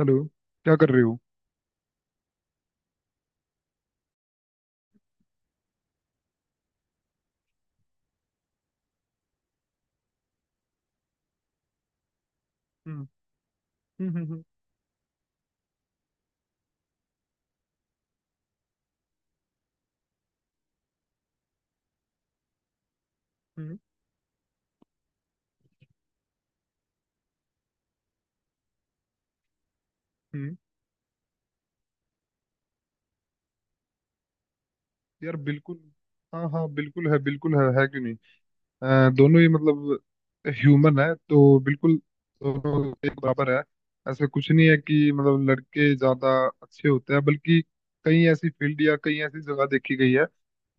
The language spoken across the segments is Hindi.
हेलो। क्या कर रहे हो? हम्म। हम्म। हम्म। हम्म। हम्म। हम्म, यार बिल्कुल। हाँ हाँ, बिल्कुल है, बिल्कुल है क्यों नहीं? दोनों ही मतलब ह्यूमन है तो बिल्कुल दोनों एक बराबर है। ऐसा कुछ नहीं है कि मतलब लड़के ज्यादा अच्छे होते हैं, बल्कि कई ऐसी फील्ड या कई ऐसी जगह देखी गई है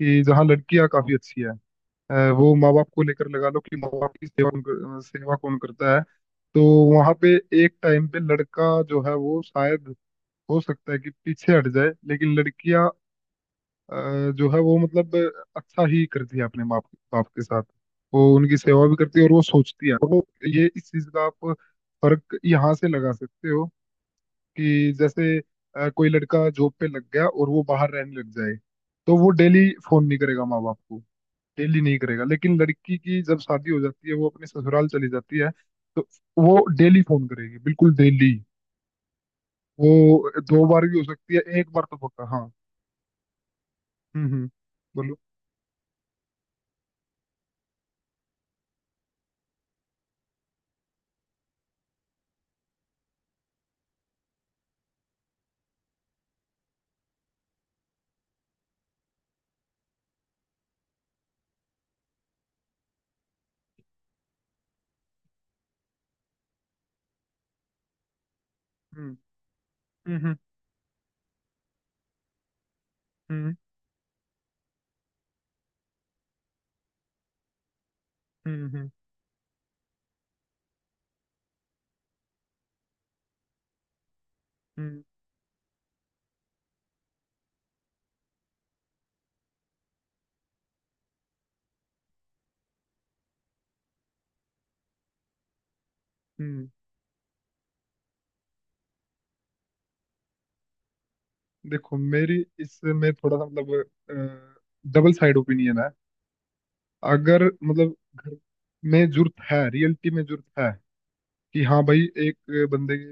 कि जहाँ लड़कियाँ काफी अच्छी है। वो माँ बाप को लेकर लगा लो कि माँ बाप की सेवा सेवा कौन करता है? तो वहां पे एक टाइम पे लड़का जो है वो शायद हो सकता है कि पीछे हट जाए, लेकिन लड़कियां जो है वो मतलब अच्छा ही करती है अपने माँ बाप के साथ। वो उनकी सेवा भी करती है, और वो सोचती है, और वो ये इस चीज का आप फर्क यहाँ से लगा सकते हो कि जैसे कोई लड़का जॉब पे लग गया और वो बाहर रहने लग जाए तो वो डेली फोन नहीं करेगा माँ बाप को। डेली नहीं करेगा, लेकिन लड़की की जब शादी हो जाती है वो अपने ससुराल चली जाती है तो वो डेली फोन करेगी, बिल्कुल डेली। वो दो बार भी हो सकती है, एक बार तो पक्का। हाँ। हम्म। हम्म। बोलो। हम्म। हम्म। हम्म। हम्म। हम्म। हम्म। हम्म। देखो, मेरी इसमें थोड़ा सा मतलब डबल साइड ओपिनियन है। अगर मतलब घर में जरूरत है, रियलिटी में जरूरत है कि हाँ भाई एक बंदे की,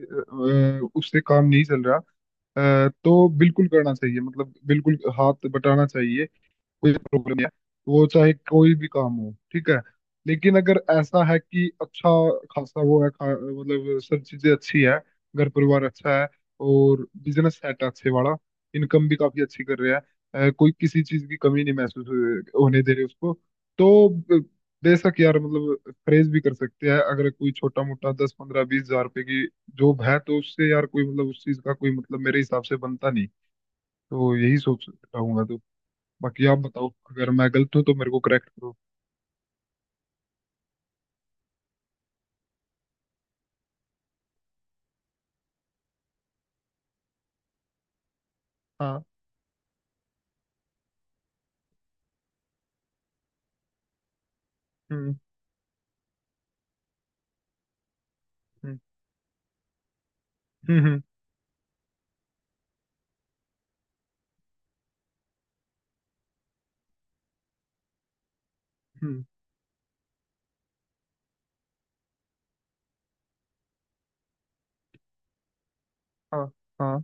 उससे काम नहीं चल रहा, तो बिल्कुल करना चाहिए, मतलब बिल्कुल हाथ बटाना चाहिए। कोई प्रॉब्लम नहीं है। वो चाहे कोई भी काम हो, ठीक है। लेकिन अगर ऐसा है कि अच्छा खासा वो है मतलब सब चीजें अच्छी है, घर परिवार अच्छा है, और बिजनेस सेट है अच्छे वाला, इनकम भी काफी अच्छी कर रहा है, कोई किसी चीज की कमी नहीं होने दे रही उसको, तो बेशक यार मतलब प्रेज भी कर सकते हैं। अगर कोई छोटा मोटा 10-15-20 हजार रुपए की जॉब है तो उससे यार कोई मतलब, उस चीज का कोई मतलब मेरे हिसाब से बनता नहीं। तो यही सोच रहा हूँ मैं तो। बाकी आप बताओ, अगर मैं गलत हूँ तो मेरे को करेक्ट करो। हाँ। हम्म। हम्म। हम्म। हम्म। हम्म। हाँ हाँ।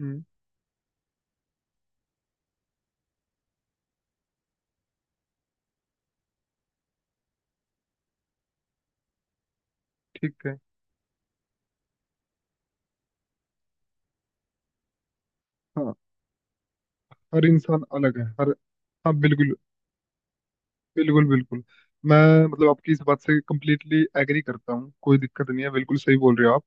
हम्म। ठीक है। हाँ। हर इंसान अलग है, हर। हाँ बिल्कुल। बिल्कुल बिल्कुल। मैं मतलब आपकी इस बात से कंप्लीटली एग्री करता हूँ, कोई दिक्कत नहीं है, बिल्कुल सही बोल रहे हो आप।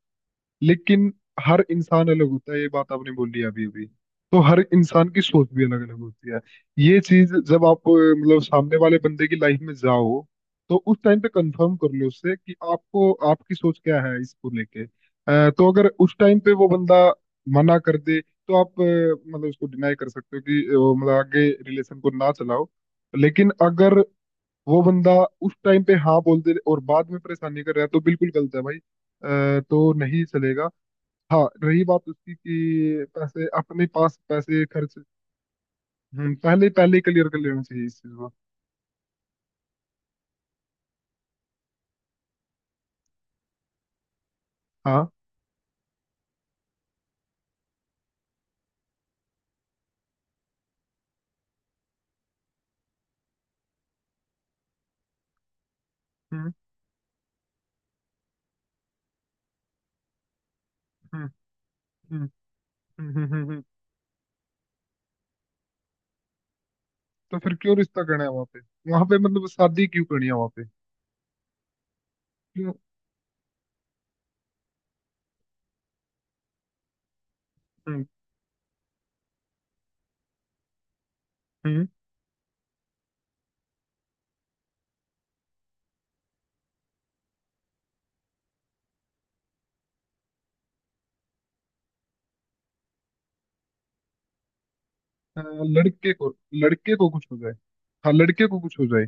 लेकिन हर इंसान अलग होता है, ये बात आपने बोली अभी अभी, तो हर इंसान की सोच भी अलग अलग होती है। ये चीज जब आप मतलब सामने वाले बंदे की लाइफ में जाओ तो उस टाइम पे कंफर्म कर लो उससे कि आपको आपकी सोच क्या है इसको लेके, तो अगर उस टाइम पे वो बंदा मना कर दे तो आप, मतलब उसको डिनाई कर सकते हो कि वो मतलब आगे रिलेशन को ना चलाओ। लेकिन अगर वो बंदा उस टाइम पे हाँ बोल दे और बाद में परेशानी कर रहा है तो बिल्कुल गलत है भाई, तो नहीं चलेगा। हाँ, रही बात उसकी कि पैसे अपने पास पैसे खर्च। पहले पहले ही क्लियर कर लेना चाहिए इस चीज को। हाँ। हम्म। हम्म। हम्म। हम्म। हम्म। हम्म। हम्म। तो फिर क्यों रिश्ता करना है वहां पे? वहां पे मतलब शादी क्यों करनी है वहां पे? क्यों? हम्म। हम्म। अ, लड़के को कुछ हो जाए। हाँ, लड़के को कुछ हो जाए।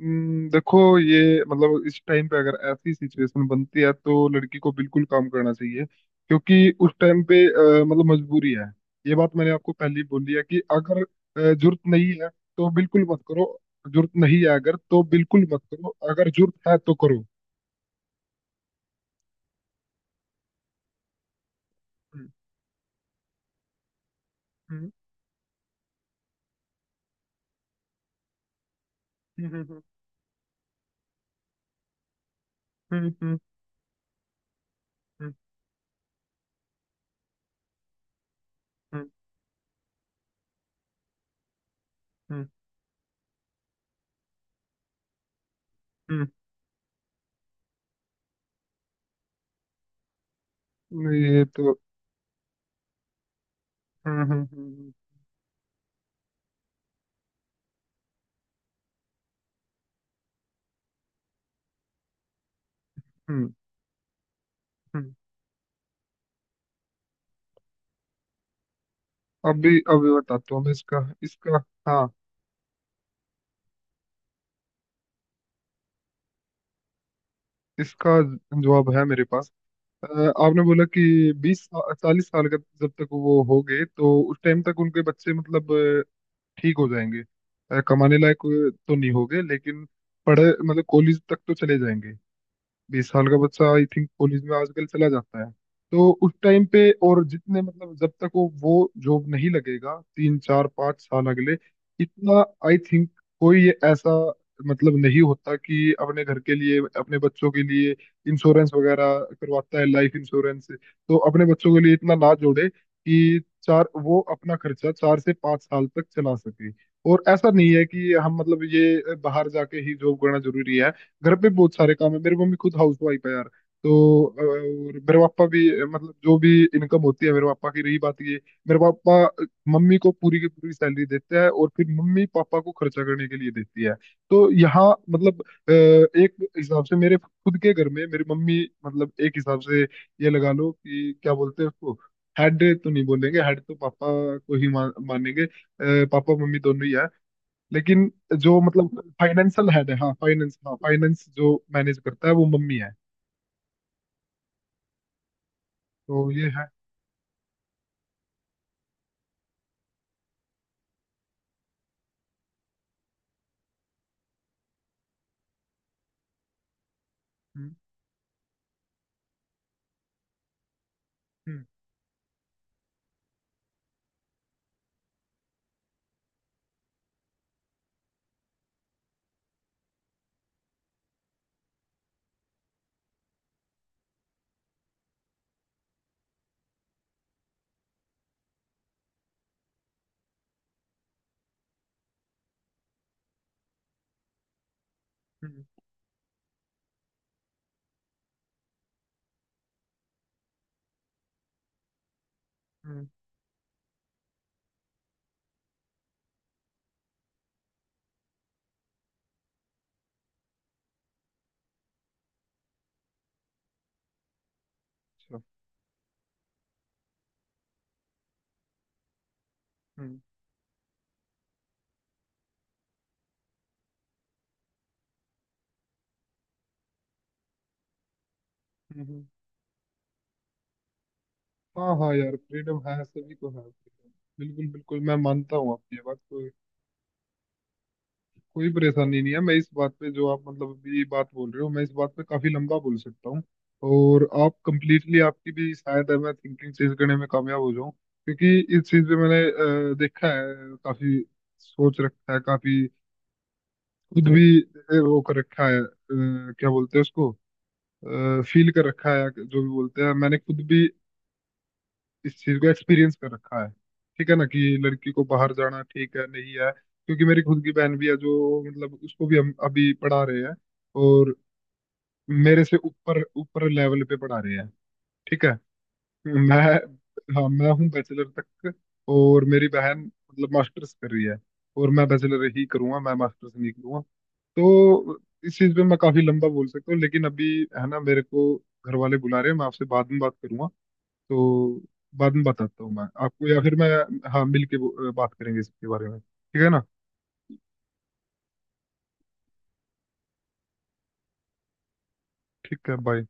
देखो ये मतलब इस टाइम पे अगर ऐसी सिचुएशन बनती है तो लड़की को बिल्कुल काम करना चाहिए, क्योंकि उस टाइम पे मतलब मजबूरी है। ये बात मैंने आपको पहले ही बोली है कि अगर जरूरत नहीं है तो बिल्कुल मत करो। जरूरत नहीं है अगर तो बिल्कुल मत करो, अगर जरूरत है तो करो। हम्म। हम्म। हम्म। हम्म। हम्म। हम्म। हम्म। हम्म। हम्म। ये तो। हम्म। हम्म। हम्म। हम्म। हम्म। अभी अभी बताता हूँ मैं इसका। इसका हाँ, इसका जवाब है मेरे पास। अ, आपने बोला कि 20-40 साल का जब तक वो हो गए तो उस टाइम तक उनके बच्चे मतलब ठीक हो जाएंगे। कमाने लायक तो नहीं होंगे लेकिन पढ़े मतलब कॉलेज तक तो चले जाएंगे। 20 साल का बच्चा आई थिंक कॉलेज में आजकल चला जाता है। तो उस टाइम पे, और जितने मतलब जब तक वो जॉब नहीं लगेगा 3-4-5 साल अगले, इतना आई थिंक कोई ये ऐसा मतलब नहीं होता कि अपने घर के लिए अपने बच्चों के लिए इंश्योरेंस वगैरह करवाता है लाइफ इंश्योरेंस, तो अपने बच्चों के लिए इतना ना जोड़े कि चार वो अपना खर्चा 4 से 5 साल तक चला सके। और ऐसा नहीं है कि हम मतलब ये बाहर जाके ही जॉब करना जरूरी है। घर पे बहुत सारे काम है, मेरी मम्मी खुद हाउस वाइफ है यार। तो और मेरे पापा भी, मतलब जो भी इनकम होती है मेरे पापा की, रही बात ये, मेरे पापा मम्मी को पूरी की पूरी सैलरी देते हैं और फिर मम्मी पापा को खर्चा करने के लिए देती है। तो यहाँ मतलब एक हिसाब से मेरे खुद के घर में मेरी मम्मी मतलब एक हिसाब से ये लगा लो कि क्या बोलते हैं उसको। हेड तो नहीं बोलेंगे, हेड तो पापा को ही मानेंगे। पापा मम्मी दोनों ही है। लेकिन जो मतलब फाइनेंशियल हेड है, हाँ फाइनेंस, हाँ फाइनेंस जो मैनेज करता है वो मम्मी है। तो ये है। हम्म। हम्म। हम्म। हम्म, अच्छा। हम्म। हम्म। हम्म। हाँ हाँ यार, फ्रीडम है, सभी को है freedom। बिल्कुल बिल्कुल, मैं मानता हूँ आपकी ये बात। कोई कोई परेशानी नहीं है। मैं इस बात पे जो आप मतलब अभी ये बात बोल रहे हो, मैं इस बात पे काफी लंबा बोल सकता हूँ, और आप कंप्लीटली, आपकी भी शायद है, मैं थिंकिंग चेंज करने में कामयाब हो जाऊं, क्योंकि इस चीज पे मैंने देखा है काफी, सोच रखा है काफी, खुद भी वो कर रखा है, क्या बोलते हैं उसको, फील कर रखा है, जो भी बोलते हैं, मैंने खुद भी इस चीज को एक्सपीरियंस कर रखा है। ठीक है ना कि लड़की को बाहर जाना ठीक है नहीं है, क्योंकि मेरी खुद की बहन भी है जो मतलब उसको भी हम अभी पढ़ा रहे हैं। और मेरे से ऊपर ऊपर लेवल पे पढ़ा रहे हैं। ठीक है। मैं हाँ, मैं हूँ बैचलर तक। और मेरी बहन मतलब मास्टर्स कर रही है। और मैं बैचलर ही करूंगा, मैं मास्टर्स नहीं करूंगा। तो इस चीज पे मैं काफी लंबा बोल सकता हूँ, लेकिन अभी है ना, मेरे को घर वाले बुला रहे हैं, मैं आपसे बाद में बात करूंगा। तो बाद में बताता हूँ मैं आपको, या फिर मैं, हाँ, मिल के बात करेंगे इसके बारे में, ठीक है ना? ठीक है, बाय।